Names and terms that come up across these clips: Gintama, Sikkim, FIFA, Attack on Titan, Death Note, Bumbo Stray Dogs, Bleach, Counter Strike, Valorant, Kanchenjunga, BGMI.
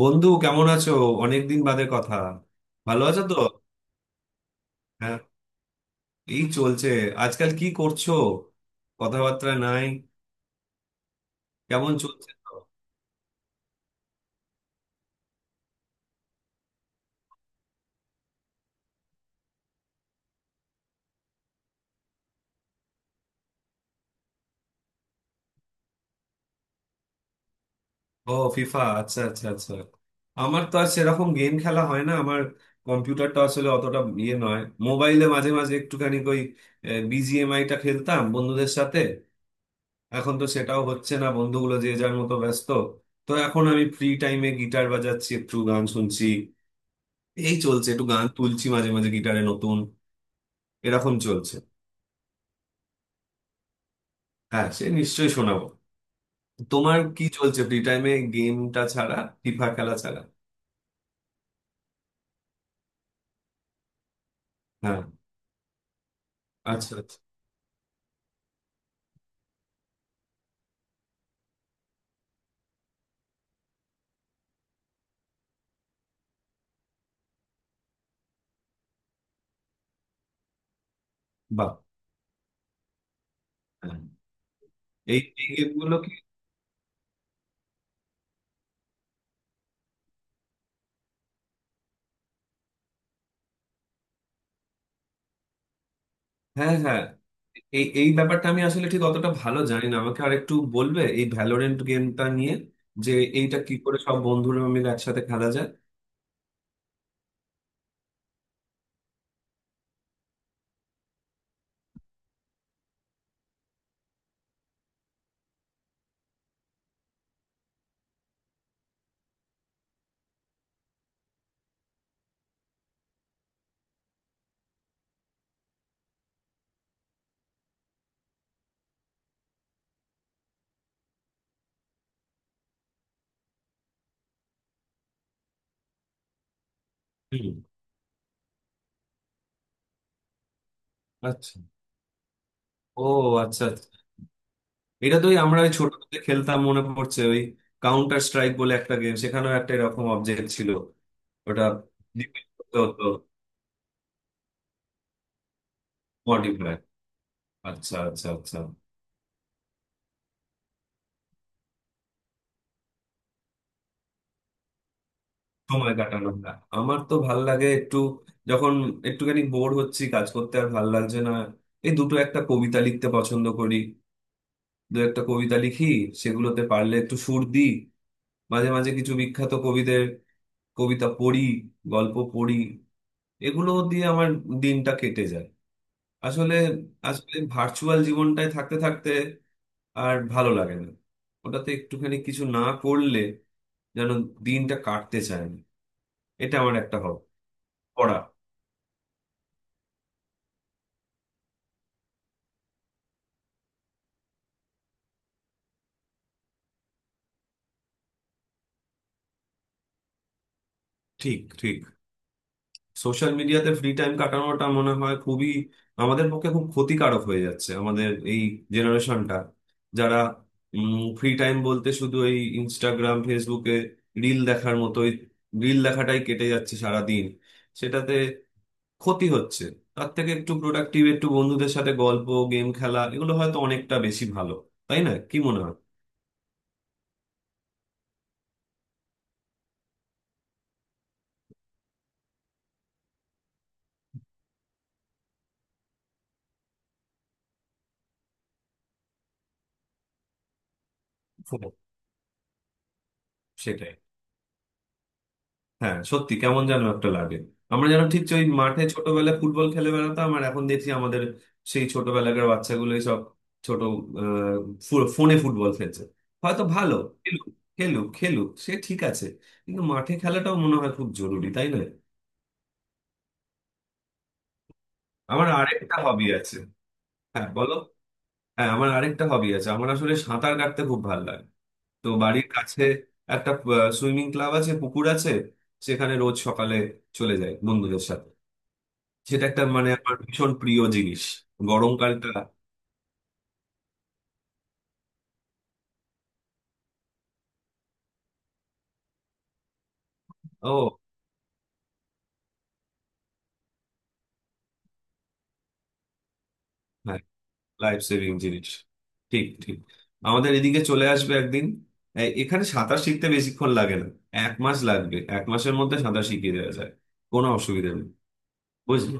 বন্ধু, কেমন আছো? অনেকদিন বাদে কথা। ভালো আছো তো? হ্যাঁ, এই চলছে। আজকাল কি করছো? কথাবার্তা নাই। কেমন চলছে তো? ও, ফিফা? আচ্ছা, আচ্ছা, আচ্ছা। আমার তো আর সেরকম গেম খেলা হয় না আমার। কম্পিউটারটা আসলে অতটা ইয়ে নয়। মোবাইলে মাঝে মাঝে একটুখানি ওই বিজিএমআই টা খেলতাম বন্ধুদের সাথে। এখন তো সেটাও হচ্ছে না, বন্ধুগুলো যে যার মতো ব্যস্ত। তো এখন আমি ফ্রি টাইমে গিটার বাজাচ্ছি, একটু গান শুনছি। এই চলছে, একটু গান তুলছি মাঝে মাঝে গিটারে নতুন। এরকম চলছে। হ্যাঁ, সে নিশ্চয়ই শোনাবো। তোমার কি চলছে ফ্রি টাইমে, গেমটা ছাড়া? ফিফা খেলা ছাড়া? হ্যাঁ। আচ্ছা, আচ্ছা। বাহ। হ্যাঁ। এই এই গেমগুলো কি? হ্যাঁ, হ্যাঁ। এই এই ব্যাপারটা আমি আসলে ঠিক অতটা ভালো জানি না। আমাকে আরেকটু বলবে এই ভ্যালোরেন্ট গেমটা নিয়ে? যে এইটা কি করে সব বন্ধুরা মিলে একসাথে খেলা যায়? হুম। আচ্ছা। ও, আচ্ছা, আচ্ছা। এটা তুই, আমরা ওই ছোটবেলায় খেলতাম মনে পড়ছে, ওই কাউন্টার স্ট্রাইক বলে একটা গেম, সেখানেও একটা এরকম অবজেক্ট ছিল। ওটা depend করতে হতো। মডিফাই। আচ্ছা, আচ্ছা, আচ্ছা। সময় কাটানো না। আমার তো ভাল লাগে একটু, যখন একটুখানি বোর হচ্ছি কাজ করতে আর ভাল লাগছে না, এই দুটো একটা কবিতা লিখতে পছন্দ করি। দু একটা কবিতা লিখি, সেগুলোতে পারলে একটু সুর দিই। মাঝে মাঝে কিছু বিখ্যাত কবিদের কবিতা পড়ি, গল্প পড়ি। এগুলো দিয়ে আমার দিনটা কেটে যায়। আসলে আসলে ভার্চুয়াল জীবনটায় থাকতে থাকতে আর ভালো লাগে না। ওটাতে একটুখানি কিছু না করলে যেন দিনটা কাটতে চায় না। এটা আমার একটা হব, পড়া। ঠিক, ঠিক। সোশ্যাল মিডিয়াতে ফ্রি টাইম কাটানোটা মনে হয় খুবই আমাদের পক্ষে খুব ক্ষতিকারক হয়ে যাচ্ছে। আমাদের এই জেনারেশনটা, যারা ফ্রি টাইম বলতে শুধু এই ইনস্টাগ্রাম ফেসবুকে রিল দেখার মতোই, রিল দেখাটাই কেটে যাচ্ছে সারা দিন। সেটাতে ক্ষতি হচ্ছে। তার থেকে একটু প্রোডাক্টিভ, একটু বন্ধুদের সাথে গল্প, গেম খেলা, এগুলো হয়তো অনেকটা বেশি ভালো, তাই না? কি মনে হয়? সেটাই, সেটাই। হ্যাঁ, সত্যি কেমন যেন একটা লাগে। আমরা যেন ঠিক ওই মাঠে ছোটবেলায় ফুটবল খেলে বেড়াতাম, আর এখন দেখছি আমাদের সেই ছোটবেলাকার বাচ্চাগুলোই সব ছোট আহ, ফোনে ফুটবল খেলছে। হয়তো ভালো। খেলুক, খেলুক, খেলুক, সে ঠিক আছে। কিন্তু মাঠে খেলাটাও মনে হয় খুব জরুরি, তাই না? আমার আরেকটা হবি আছে। হ্যাঁ, বলো। হ্যাঁ, আমার আরেকটা হবি আছে। আমার আসলে সাঁতার কাটতে খুব ভালো লাগে। তো বাড়ির কাছে একটা সুইমিং ক্লাব আছে, পুকুর আছে। সেখানে রোজ সকালে চলে যাই বন্ধুদের সাথে। সেটা একটা মানে আমার ভীষণ প্রিয় জিনিস। গরমকালটা। ও। হ্যাঁ। লাইফ সেভিং জিনিস। ঠিক, ঠিক। আমাদের এদিকে চলে আসবে একদিন। এখানে সাঁতার শিখতে বেশিক্ষণ লাগে না। 1 মাস লাগবে, এক মাসের মধ্যে সাঁতার শিখিয়ে দেওয়া যায়। কোনো অসুবিধা নেই। বুঝলি,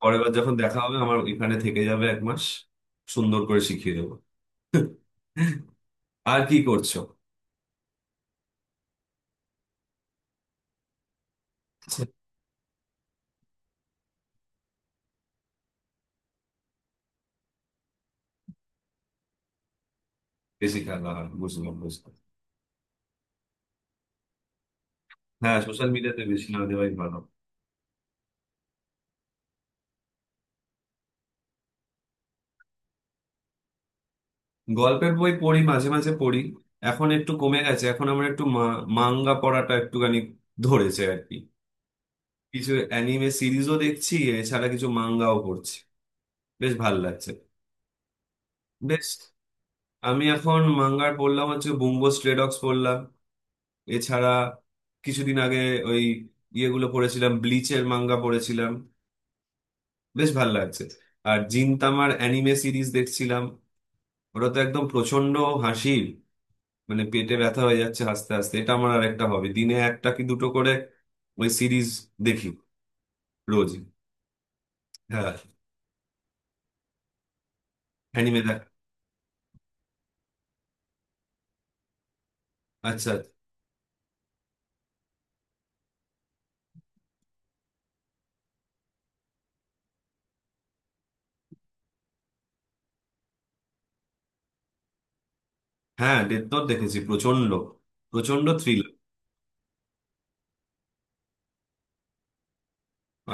পরের বার যখন দেখা হবে আমার এখানে থেকে যাবে 1 মাস, সুন্দর করে শিখিয়ে দেবো। আর কি করছো? বেশি খেলা হয়, বুঝলাম, বুঝলাম। হ্যাঁ, সোশ্যাল মিডিয়াতে বেশি না দেওয়াই ভালো। গল্পের বই পড়ি, মাঝে মাঝে পড়ি। এখন একটু কমে গেছে, এখন আমার একটু মাঙ্গা পড়াটা একটুখানি ধরেছে আর কি। কিছু অ্যানিমে সিরিজও দেখছি, এছাড়া কিছু মাঙ্গাও পড়ছি। বেশ ভালো লাগছে। বেশ, আমি এখন মাঙ্গার পড়লাম হচ্ছে বুম্বো স্ট্রে ডগস পড়লাম। এছাড়া কিছুদিন আগে ওই ইয়েগুলো পড়েছিলাম, ব্লিচের মাঙ্গা পড়েছিলাম। বেশ ভালো লাগছে। আর জিনতামার অ্যানিমে সিরিজ দেখছিলাম। ওটা তো একদম প্রচন্ড হাসির, মানে পেটে ব্যথা হয়ে যাচ্ছে হাসতে হাসতে। এটা আমার আর একটা হবে, দিনে একটা কি দুটো করে ওই সিরিজ দেখি রোজ। হ্যাঁ। অ্যানিমে দেখ। আচ্ছা। হ্যাঁ, ডেথ নোট দেখেছি, প্রচন্ড প্রচন্ড থ্রিল।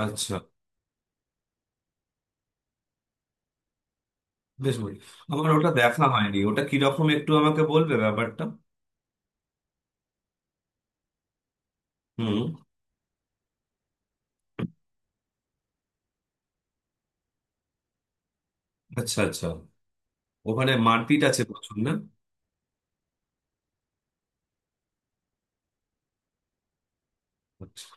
আচ্ছা। বেশ বলি। আমার ওটা দেখা হয়নি, ওটা কিরকম একটু আমাকে বলবে ব্যাপারটা? হুম। আচ্ছা, আচ্ছা। ওখানে মারপিট আছে প্রচুর, না? আচ্ছা।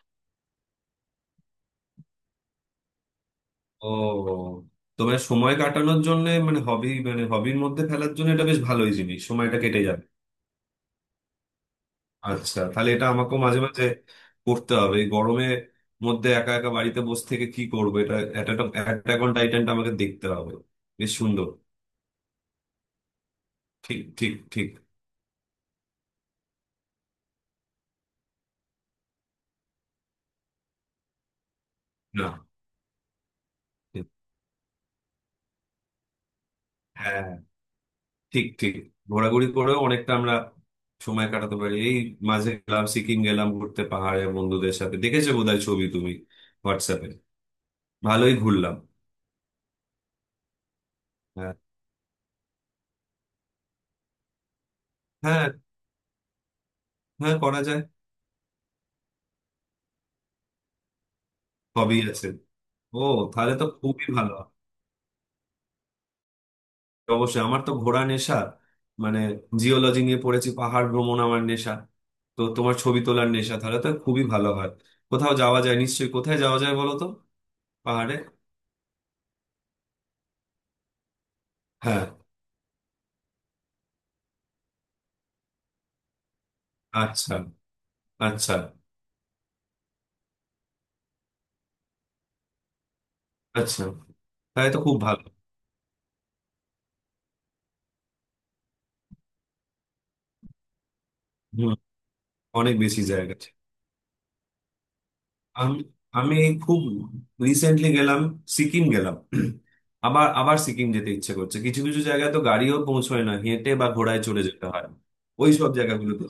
ও, তোমার সময় কাটানোর জন্য, মানে হবি, মানে হবির মধ্যে ফেলার জন্য এটা বেশ ভালোই জিনিস, সময়টা কেটে যাবে। আচ্ছা, তাহলে এটা আমাকেও মাঝে মাঝে করতে হবে। এই গরমের মধ্যে একা একা বাড়িতে বসে থেকে কি করবো, এটা অ্যাটাক অন টাইটানটা আমাকে দেখতে হবে। বেশ সুন্দর। ঠিক, ঠিক, ঠিক। না। ঠিক। হ্যাঁ। ঠিক, ঠিক। ঘোরাঘুরি করেও অনেকটা আমরা সময় কাটাতে পারি। এই মাঝে গেলাম, সিকিম গেলাম ঘুরতে পাহাড়ে বন্ধুদের সাথে। দেখেছো বোধহয় ছবি তুমি হোয়াটসঅ্যাপে। ভালোই ঘুরলাম। হ্যাঁ, হ্যাঁ, হ্যাঁ, করা যায়। সবই আছে। ও, তাহলে তো খুবই ভালো। অবশ্যই, আমার তো ঘোরা নেশা। মানে জিওলজি নিয়ে পড়েছি, পাহাড় ভ্রমণ আমার নেশা। তো তোমার ছবি তোলার নেশা, তাহলে তো খুবই ভালো হয়। কোথাও যাওয়া যায় নিশ্চয়ই। কোথায় যাওয়া যায় বলো তো? পাহাড়ে। হ্যাঁ। আচ্ছা, আচ্ছা, আচ্ছা। তাহলে তো খুব ভালো। হুম। অনেক বেশি জায়গা আছে। আমি, আমি এই খুব রিসেন্টলি গেলাম, সিকিম গেলাম। আবার, আবার সিকিম যেতে ইচ্ছে করছে। কিছু কিছু জায়গায় তো গাড়িও পৌঁছয় না, হেঁটে বা ঘোড়ায় চলে যেতে হয়। ওই সব জায়গাগুলোতে।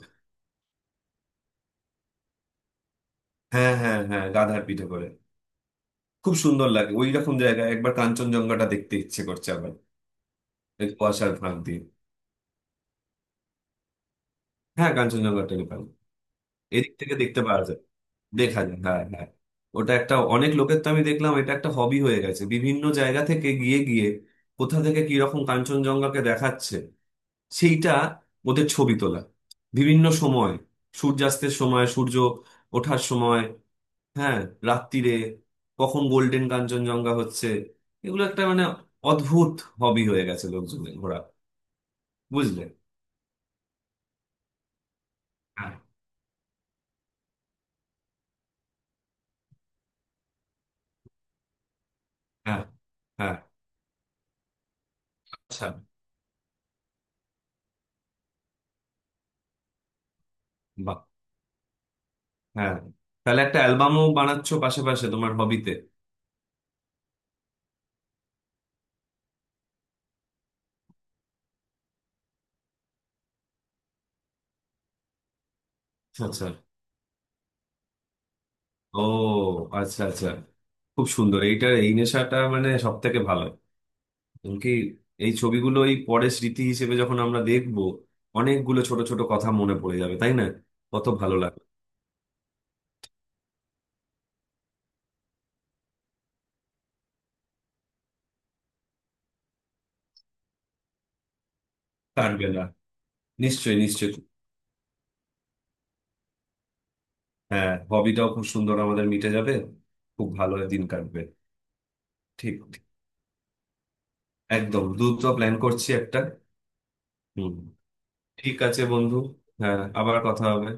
হ্যাঁ, হ্যাঁ, হ্যাঁ, গাধার পিঠে করে। খুব সুন্দর লাগে ওই রকম জায়গা। একবার কাঞ্চনজঙ্ঘাটা দেখতে ইচ্ছে করছে আবার, এই কুয়াশার ফাঁক দিয়ে। হ্যাঁ, কাঞ্চনজঙ্ঘাটা নেপাল, এদিক থেকে দেখতে পাওয়া যায়। দেখা যায়, হ্যাঁ, হ্যাঁ। ওটা একটা অনেক লোকের, তো আমি দেখলাম এটা একটা হবি হয়ে গেছে বিভিন্ন জায়গা থেকে গিয়ে গিয়ে কোথা থেকে কি রকম কাঞ্চনজঙ্ঘাকে দেখাচ্ছে সেইটা ওদের ছবি তোলা। বিভিন্ন সময়, সূর্যাস্তের সময়, সূর্য ওঠার সময়, হ্যাঁ, রাত্তিরে, কখন গোল্ডেন কাঞ্চনজঙ্ঘা হচ্ছে, এগুলো একটা মানে অদ্ভুত হবি হয়ে গেছে লোকজনের, ঘোরা। বুঝলে। হ্যাঁ, হ্যাঁ, হ্যাঁ। আচ্ছা। বাহ, হ্যাঁ, তাহলে একটা অ্যালবামও বানাচ্ছো পাশাপাশি তোমার হবিতে। আচ্ছা। ও, আচ্ছা, আচ্ছা। খুব সুন্দর এইটা, এই নেশাটা মানে সব থেকে ভালো। এমনকি এই ছবিগুলো এই পরে স্মৃতি হিসেবে যখন আমরা দেখবো, অনেকগুলো ছোট ছোট কথা মনে পড়ে যাবে, তাই না? কত ভালো লাগবে। কাটবে না। নিশ্চয়ই, নিশ্চয়ই। হ্যাঁ, হবিটাও খুব সুন্দর আমাদের মিটে যাবে, খুব ভালো দিন কাটবে। ঠিক, ঠিক। একদম দ্রুত প্ল্যান করছি একটা। হুম। ঠিক আছে বন্ধু। হ্যাঁ, আবার কথা হবে।